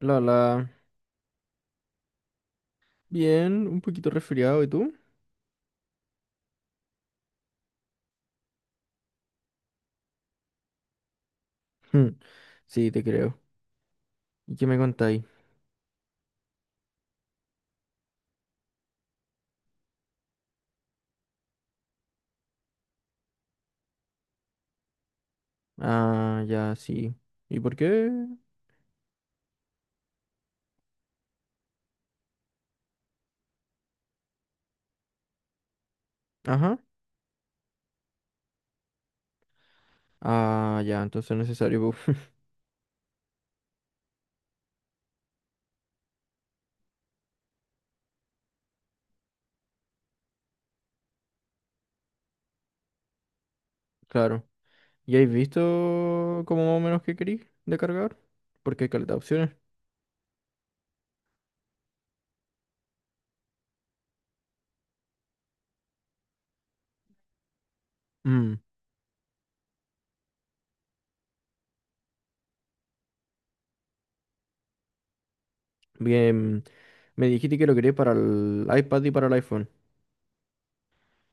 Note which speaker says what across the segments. Speaker 1: La, la. Bien, un poquito resfriado, ¿y tú? Hmm. Sí, te creo. ¿Y qué me contáis? Ah, ya, sí. ¿Y por qué? Ajá. Ah, ya, entonces es necesario, pu. Claro. ¿Y habéis visto como más o menos qué queréis de cargar? Porque hay caleta de opciones. Mm, Bien, me dijiste que lo queréis para el iPad y para el iPhone.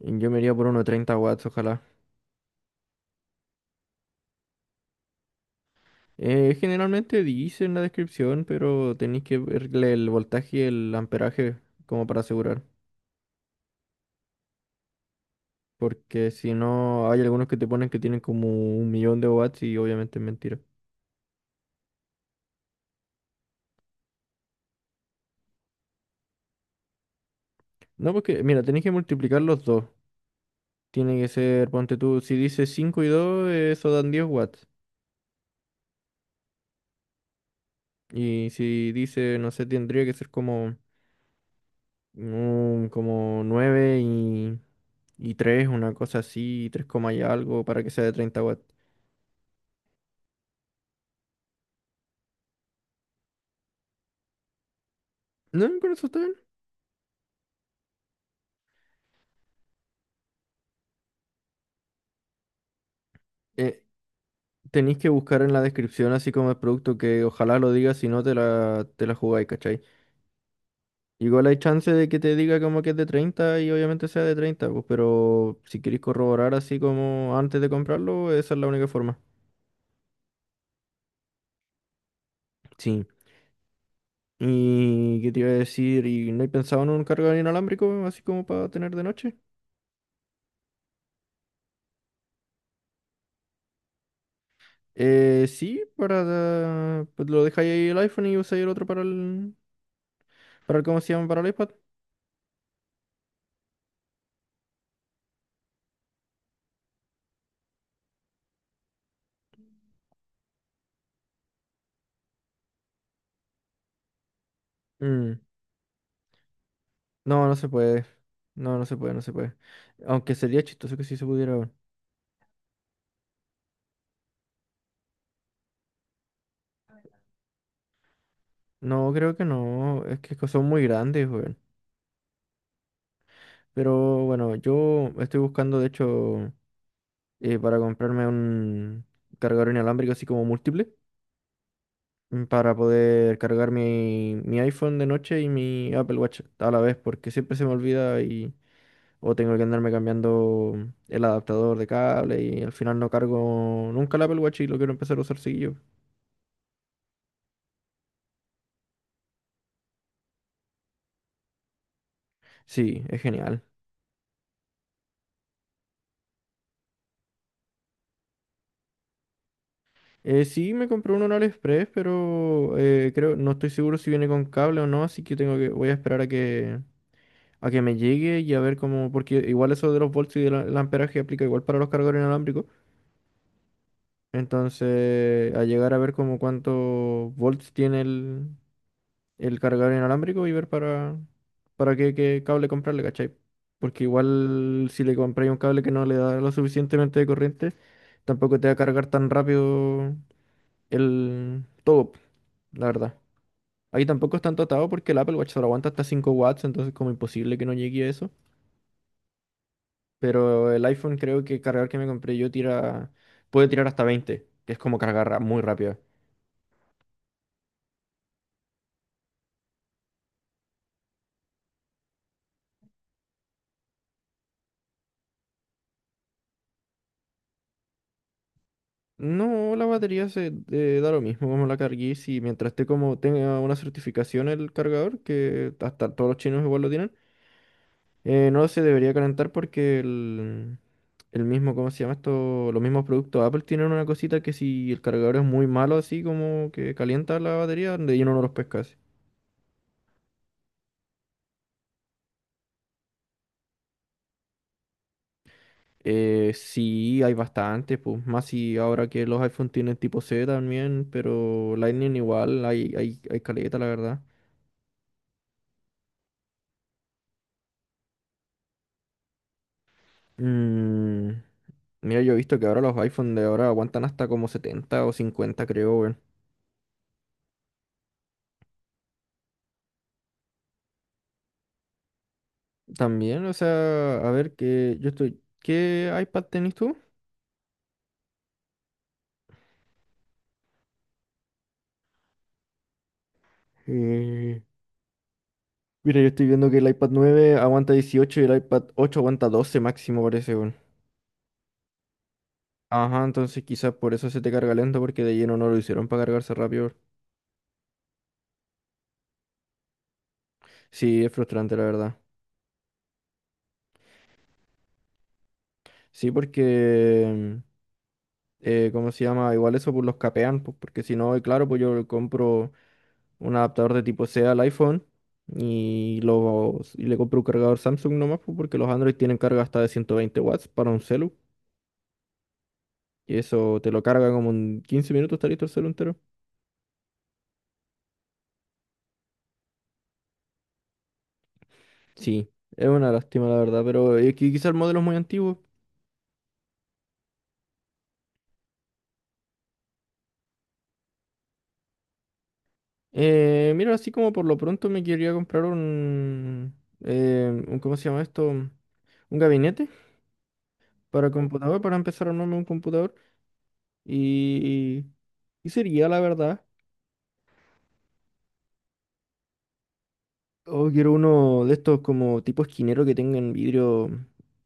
Speaker 1: Yo me iría por uno de 30 watts, ojalá. Generalmente dice en la descripción, pero tenéis que verle el voltaje y el amperaje como para asegurar. Porque si no, hay algunos que te ponen que tienen como un millón de watts y obviamente es mentira. No, porque, mira, tenés que multiplicar los dos. Tiene que ser, ponte tú, si dice 5 y 2 eso dan 10 watts. Y si dice, no sé, tendría que ser como, como 9 y 3 una cosa así, 3 coma y algo, para que sea de 30 watts. No, con eso está bien. Eh, Tenéis que buscar en la descripción, así como el producto, que ojalá lo diga, si no te la jugáis, ¿cachai? Igual hay chance de que te diga como que es de 30 y obviamente sea de 30 pues, pero si queréis corroborar así como antes de comprarlo, esa es la única forma. Sí. ¿Y qué te iba a decir? ¿Y no he pensado en un cargador inalámbrico así como para tener de noche? Sí, para... Pues lo dejáis ahí el iPhone y usáis el otro para el, ¿cómo se llama? Para el iPad. Mm. No, no se puede. No, no se puede, no se puede. Aunque sería chistoso que sí se pudiera. Weón. No, creo que no. Es que son muy grandes, weón. Pero bueno, yo estoy buscando, de hecho, para comprarme un cargador inalámbrico así como múltiple, para poder cargar mi iPhone de noche y mi Apple Watch a la vez, porque siempre se me olvida y o tengo que andarme cambiando el adaptador de cable y al final no cargo nunca el Apple Watch y lo quiero empezar a usar seguido. Sí, es genial. Sí, me compré uno en AliExpress, pero creo, no estoy seguro si viene con cable o no, así que tengo que, voy a esperar a que me llegue y a ver cómo, porque igual eso de los volts y del el amperaje aplica igual para los cargadores inalámbricos. Entonces, a llegar a ver como cuántos volts tiene el cargador inalámbrico y ver para qué cable comprarle, ¿cachai? Porque igual si le compráis un cable que no le da lo suficientemente de corriente, tampoco te va a cargar tan rápido el todo, la verdad. Ahí tampoco es tanto atado porque el Apple Watch solo aguanta hasta 5 watts, entonces como imposible que no llegue a eso. Pero el iPhone creo que el cargador que me compré yo tira, puede tirar hasta 20 que es como cargar muy rápido. No, la batería se da lo mismo como la carguís y mientras esté como tenga una certificación el cargador, que hasta todos los chinos igual lo tienen, no se debería calentar porque el mismo, ¿cómo se llama esto? Los mismos productos Apple tienen una cosita que si el cargador es muy malo así como que calienta la batería, de lleno no los pescas. Sí, hay bastante, pues más si ahora que los iPhone tienen tipo C también, pero Lightning igual, hay caleta, la verdad. Mm, Mira, yo he visto que ahora los iPhone de ahora aguantan hasta como 70 o 50, creo, weón. También, o sea, a ver, que yo estoy... ¿Qué iPad tenés tú? Eh, Mira, yo estoy viendo que el iPad 9 aguanta 18, y el iPad 8 aguanta 12 máximo, parece, weón. Ajá, entonces quizás por eso se te carga lento, porque de lleno no lo hicieron para cargarse rápido. Sí, es frustrante, la verdad. Sí, porque, ¿cómo se llama? Igual eso pues los capean, pues, porque si no, y claro, pues yo le compro un adaptador de tipo C al iPhone y, los, y le compro un cargador Samsung nomás, pues, porque los Android tienen carga hasta de 120 watts para un celu. Y eso te lo carga como en 15 minutos, está listo el celu entero. Sí, es una lástima, la verdad, pero quizá el modelo es muy antiguo. Mira, así como por lo pronto me quería comprar un ¿cómo se llama esto? ¿Un gabinete? Para computador, para empezar a armarme un computador. Y, y sería, la verdad. O quiero uno de estos como tipo esquinero que tengan vidrio,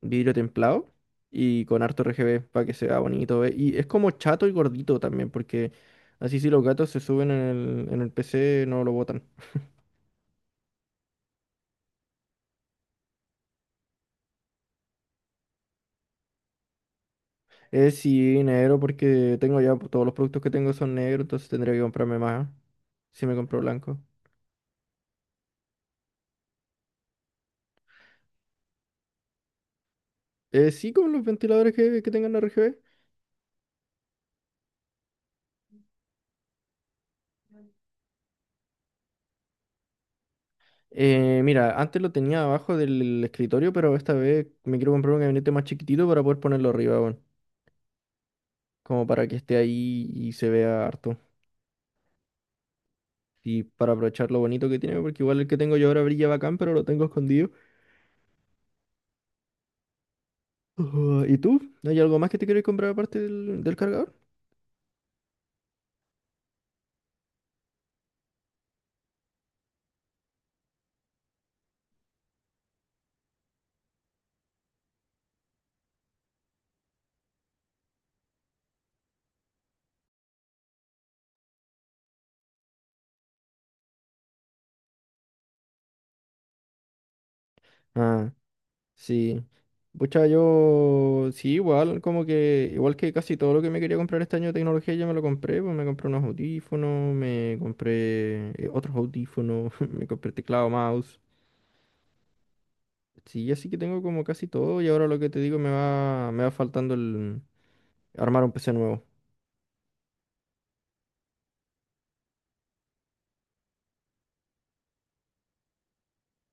Speaker 1: vidrio templado y con harto RGB para que se vea bonito. Y es como chato y gordito también, porque así si los gatos se suben en el PC no lo botan. Es sí, negro, porque tengo ya todos los productos que tengo son negros, entonces tendría que comprarme más si me compro blanco. Sí, con los ventiladores que tengan RGB. Mira, antes lo tenía abajo del escritorio, pero esta vez me quiero comprar un gabinete más chiquitito para poder ponerlo arriba, bueno, como para que esté ahí y se vea harto. Y para aprovechar lo bonito que tiene, porque igual el que tengo yo ahora brilla bacán, pero lo tengo escondido. Ujú, ¿y tú? ¿Hay algo más que te quieres comprar aparte del cargador? Ah. Sí. Pucha, yo sí, igual, como que, igual que casi todo lo que me quería comprar este año de tecnología ya me lo compré, pues me compré unos audífonos, me compré otros audífonos, me compré teclado, mouse. Sí, así que tengo como casi todo y ahora lo que te digo me va faltando el armar un PC nuevo.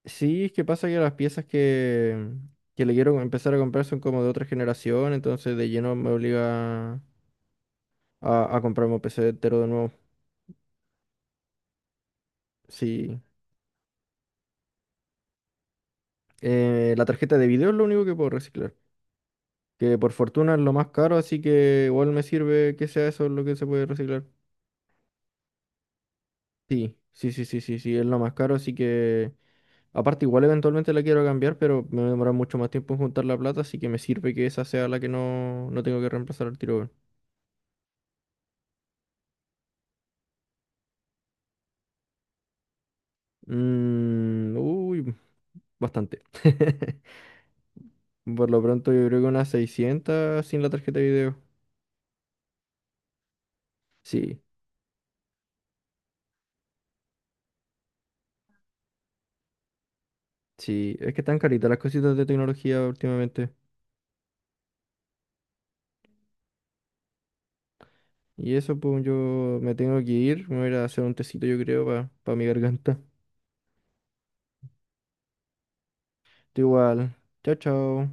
Speaker 1: Sí, es que pasa que las piezas que le quiero empezar a comprar son como de otra generación, entonces de lleno me obliga a comprarme un PC entero de nuevo. Sí. La tarjeta de video es lo único que puedo reciclar. Que por fortuna es lo más caro, así que igual me sirve que sea eso lo que se puede reciclar. Sí, sí, sí, sí, sí, sí, es lo más caro, así que... Aparte, igual eventualmente la quiero cambiar, pero me va a demorar mucho más tiempo en juntar la plata, así que me sirve que esa sea la que no, no tengo que reemplazar al tiro. Weón. Mm, uy, bastante. Por lo pronto yo creo que unas 600 sin la tarjeta de video. Sí, sí, es que están caritas las cositas de tecnología últimamente. Y eso, pues yo me tengo que ir. Me voy a ir a hacer un tecito, yo creo, para mi garganta. Tú igual. Chao, chao.